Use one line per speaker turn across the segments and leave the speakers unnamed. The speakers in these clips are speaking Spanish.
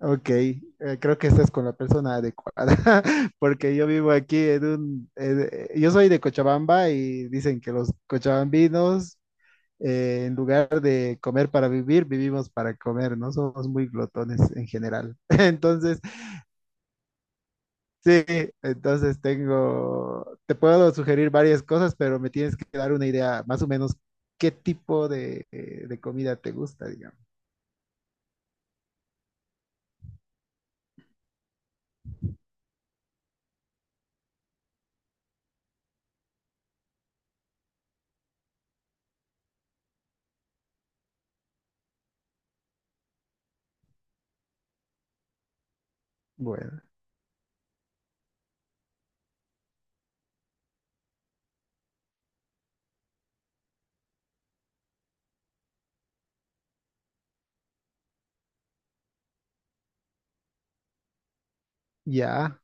Ok, creo que estás con la persona adecuada, porque yo vivo aquí en yo soy de Cochabamba y dicen que los cochabambinos, en lugar de comer para vivir, vivimos para comer, no somos muy glotones en general. Entonces, sí, entonces tengo, te puedo sugerir varias cosas, pero me tienes que dar una idea más o menos qué tipo de comida te gusta, digamos. Bueno, ya.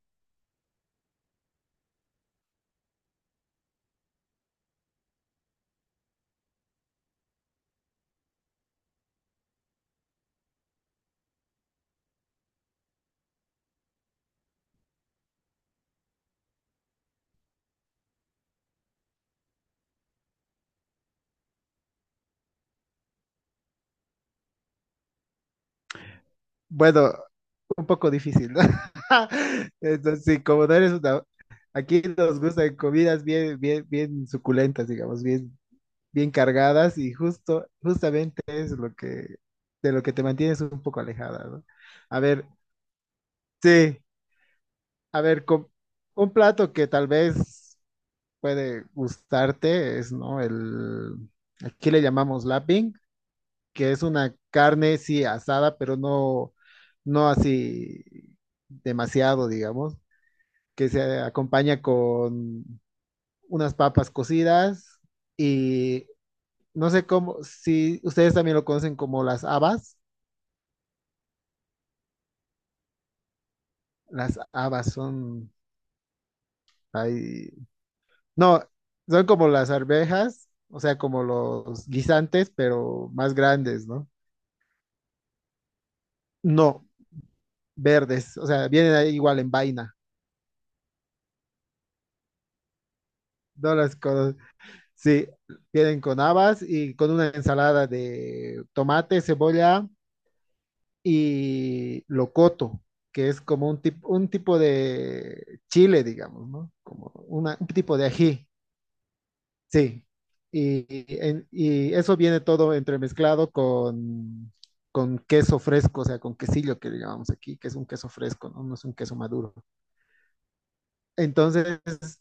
Bueno, un poco difícil, ¿no? Entonces, sí, como no eres una... Aquí nos gustan comidas bien, bien, bien suculentas, digamos, bien, bien cargadas y justo, justamente es lo que, de lo que te mantienes un poco alejada, ¿no? A ver, sí, a ver, un plato que tal vez puede gustarte es, ¿no? El, aquí le llamamos lapping, que es una carne, sí, asada, pero no, no así demasiado, digamos que se acompaña con unas papas cocidas y no sé cómo, si ustedes también lo conocen como las habas son, ahí- no, son como las arvejas, o sea, como los guisantes, pero más grandes, ¿no? No, verdes, o sea, vienen ahí igual en vaina, no las cosas, sí, vienen con habas y con una ensalada de tomate, cebolla y locoto, que es como un, un tipo de chile, digamos, ¿no? Como un tipo de ají, sí. Y, y y eso viene todo entremezclado con queso fresco, o sea, con quesillo que llamamos aquí, que es un queso fresco, ¿no? No es un queso maduro. Entonces,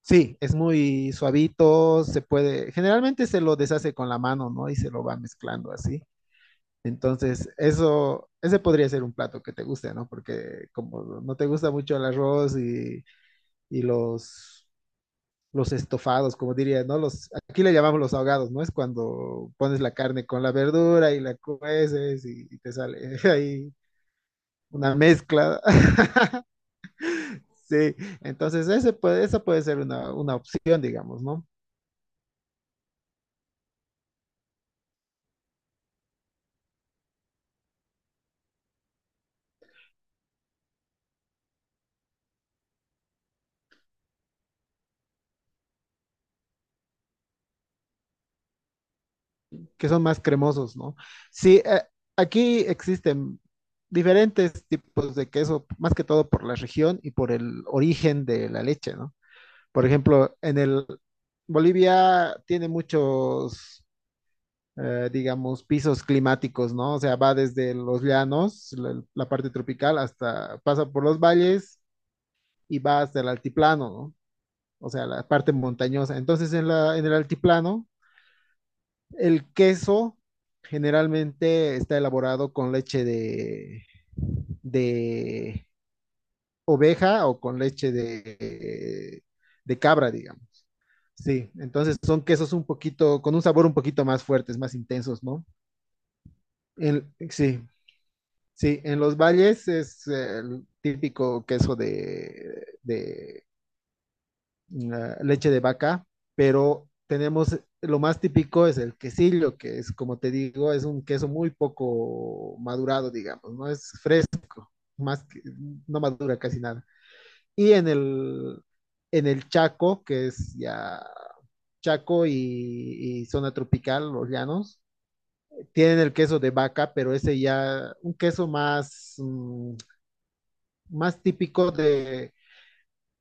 sí, es muy suavito, se puede, generalmente se lo deshace con la mano, ¿no? Y se lo va mezclando así. Entonces, eso, ese podría ser un plato que te guste, ¿no? Porque como no te gusta mucho el arroz y los estofados, como diría, ¿no? Los, aquí le llamamos los ahogados, ¿no? Es cuando pones la carne con la verdura y la cueces y te sale ahí una mezcla. Sí, entonces ese puede, esa puede ser una opción, digamos, ¿no? Que son más cremosos, ¿no? Sí, aquí existen diferentes tipos de queso, más que todo por la región y por el origen de la leche, ¿no? Por ejemplo, en el Bolivia tiene muchos, digamos, pisos climáticos, ¿no? O sea, va desde los llanos, la parte tropical, hasta pasa por los valles y va hasta el altiplano, ¿no? O sea, la parte montañosa. Entonces, en la, en el altiplano el queso generalmente está elaborado con leche de oveja o con leche de cabra, digamos. Sí, entonces son quesos un poquito, con un sabor un poquito más fuertes, más intensos, ¿no? Sí, sí, en los valles es el típico queso de la leche de vaca, pero tenemos lo más típico es el quesillo, que es, como te digo, es un queso muy poco madurado, digamos, no es fresco, más que- no madura casi nada. Y en el Chaco, que es ya Chaco y zona tropical, los llanos, tienen el queso de vaca, pero ese ya, un queso más, mm, más típico de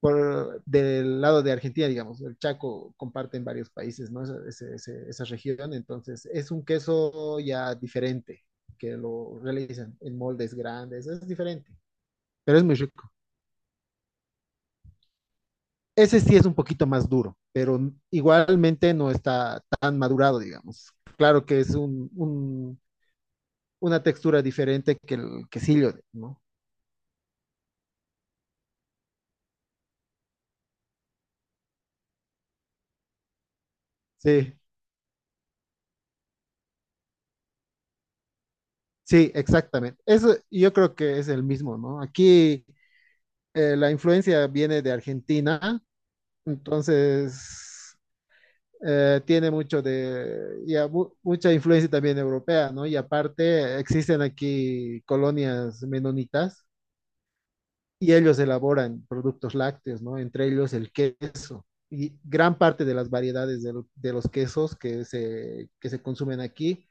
por, del lado de Argentina, digamos, el Chaco comparte en varios países, ¿no? Ese, esa región, entonces es un queso ya diferente, que lo realizan en moldes grandes, es diferente, pero es muy rico. Ese sí es un poquito más duro, pero igualmente no está tan madurado, digamos. Claro que es un, una textura diferente que el quesillo, ¿no? Sí, sí, exactamente. Eso yo creo que es el mismo, ¿no? Aquí la influencia viene de Argentina. Entonces, tiene mucho de, ya, mucha influencia también europea, ¿no? Y aparte, existen aquí colonias menonitas y ellos elaboran productos lácteos, ¿no? Entre ellos el queso. Y gran parte de las variedades de los quesos que se consumen aquí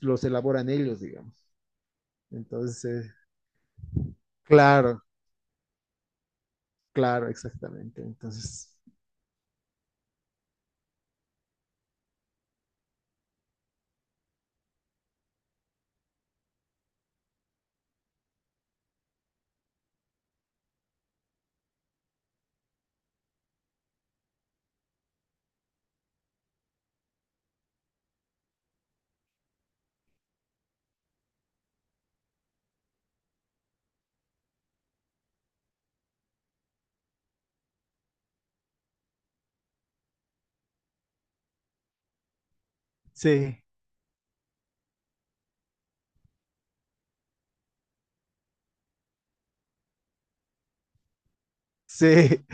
los elaboran ellos, digamos. Entonces, claro, claro, exactamente. Entonces, sí, sí,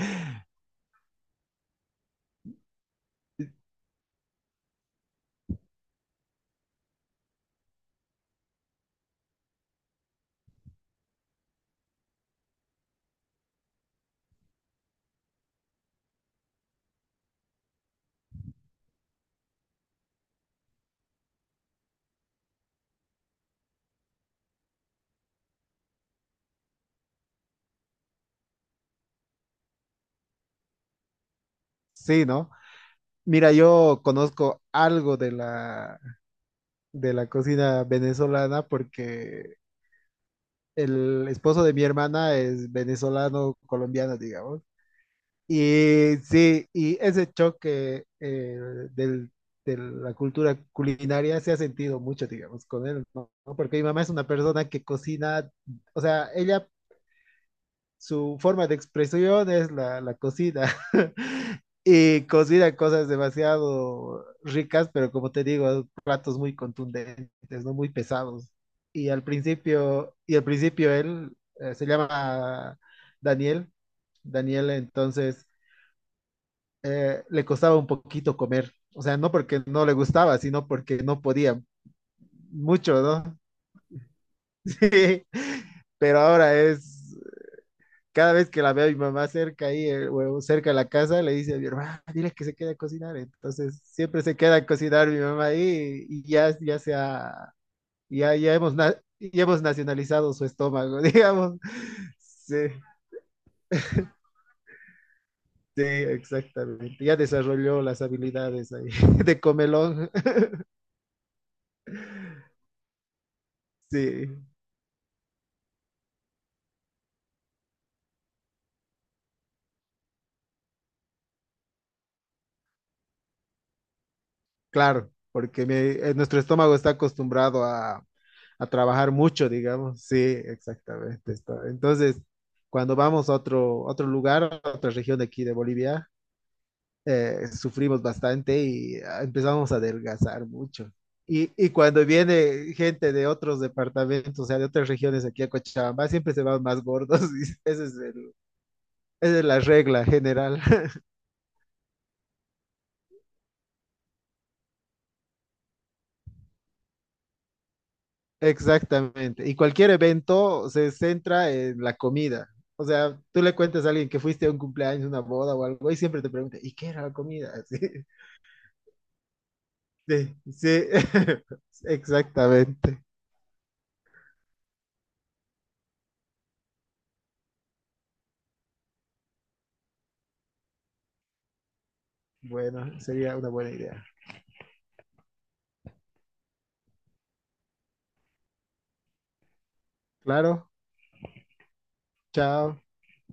sí, ¿no? Mira, yo conozco algo de la cocina venezolana porque el esposo de mi hermana es venezolano colombiano, digamos. Y sí, y ese choque del- de la cultura culinaria se ha sentido mucho, digamos, con él, ¿no? Porque mi mamá es una persona que cocina, o sea, ella su forma de expresión es la, la cocina. Y cocina cosas demasiado ricas, pero como te digo, platos muy contundentes, ¿no? Muy pesados. Y al principio él se llama Daniel. Daniel, entonces, le costaba un poquito comer. O sea, no porque no le gustaba, sino porque no podía mucho, ¿no? Sí. Pero ahora es cada vez que la veo a mi mamá cerca ahí, o cerca de la casa, le dice a mi hermana, dile que se quede a cocinar. Entonces, siempre se queda a cocinar mi mamá ahí y ya, ya se ha, ya, ya hemos, ya hemos nacionalizado su estómago, digamos. Sí, sí, exactamente. Ya desarrolló las habilidades ahí de comelón. Sí. Claro, porque nuestro estómago está acostumbrado a trabajar mucho, digamos. Sí, exactamente. Está. Entonces, cuando vamos a otro, otro lugar, a otra región de aquí de Bolivia, sufrimos bastante y ah, empezamos a adelgazar mucho. Y cuando viene gente de otros departamentos, o sea, de otras regiones aquí a Cochabamba, siempre se van más gordos. Y esa es esa es la regla general. Exactamente. Y cualquier evento se centra en la comida. O sea, tú le cuentas a alguien que fuiste a un cumpleaños, una boda o algo, y siempre te pregunta, ¿y qué era la comida? Sí, sí, sí. Exactamente. Bueno, sería una buena idea. Claro, chao.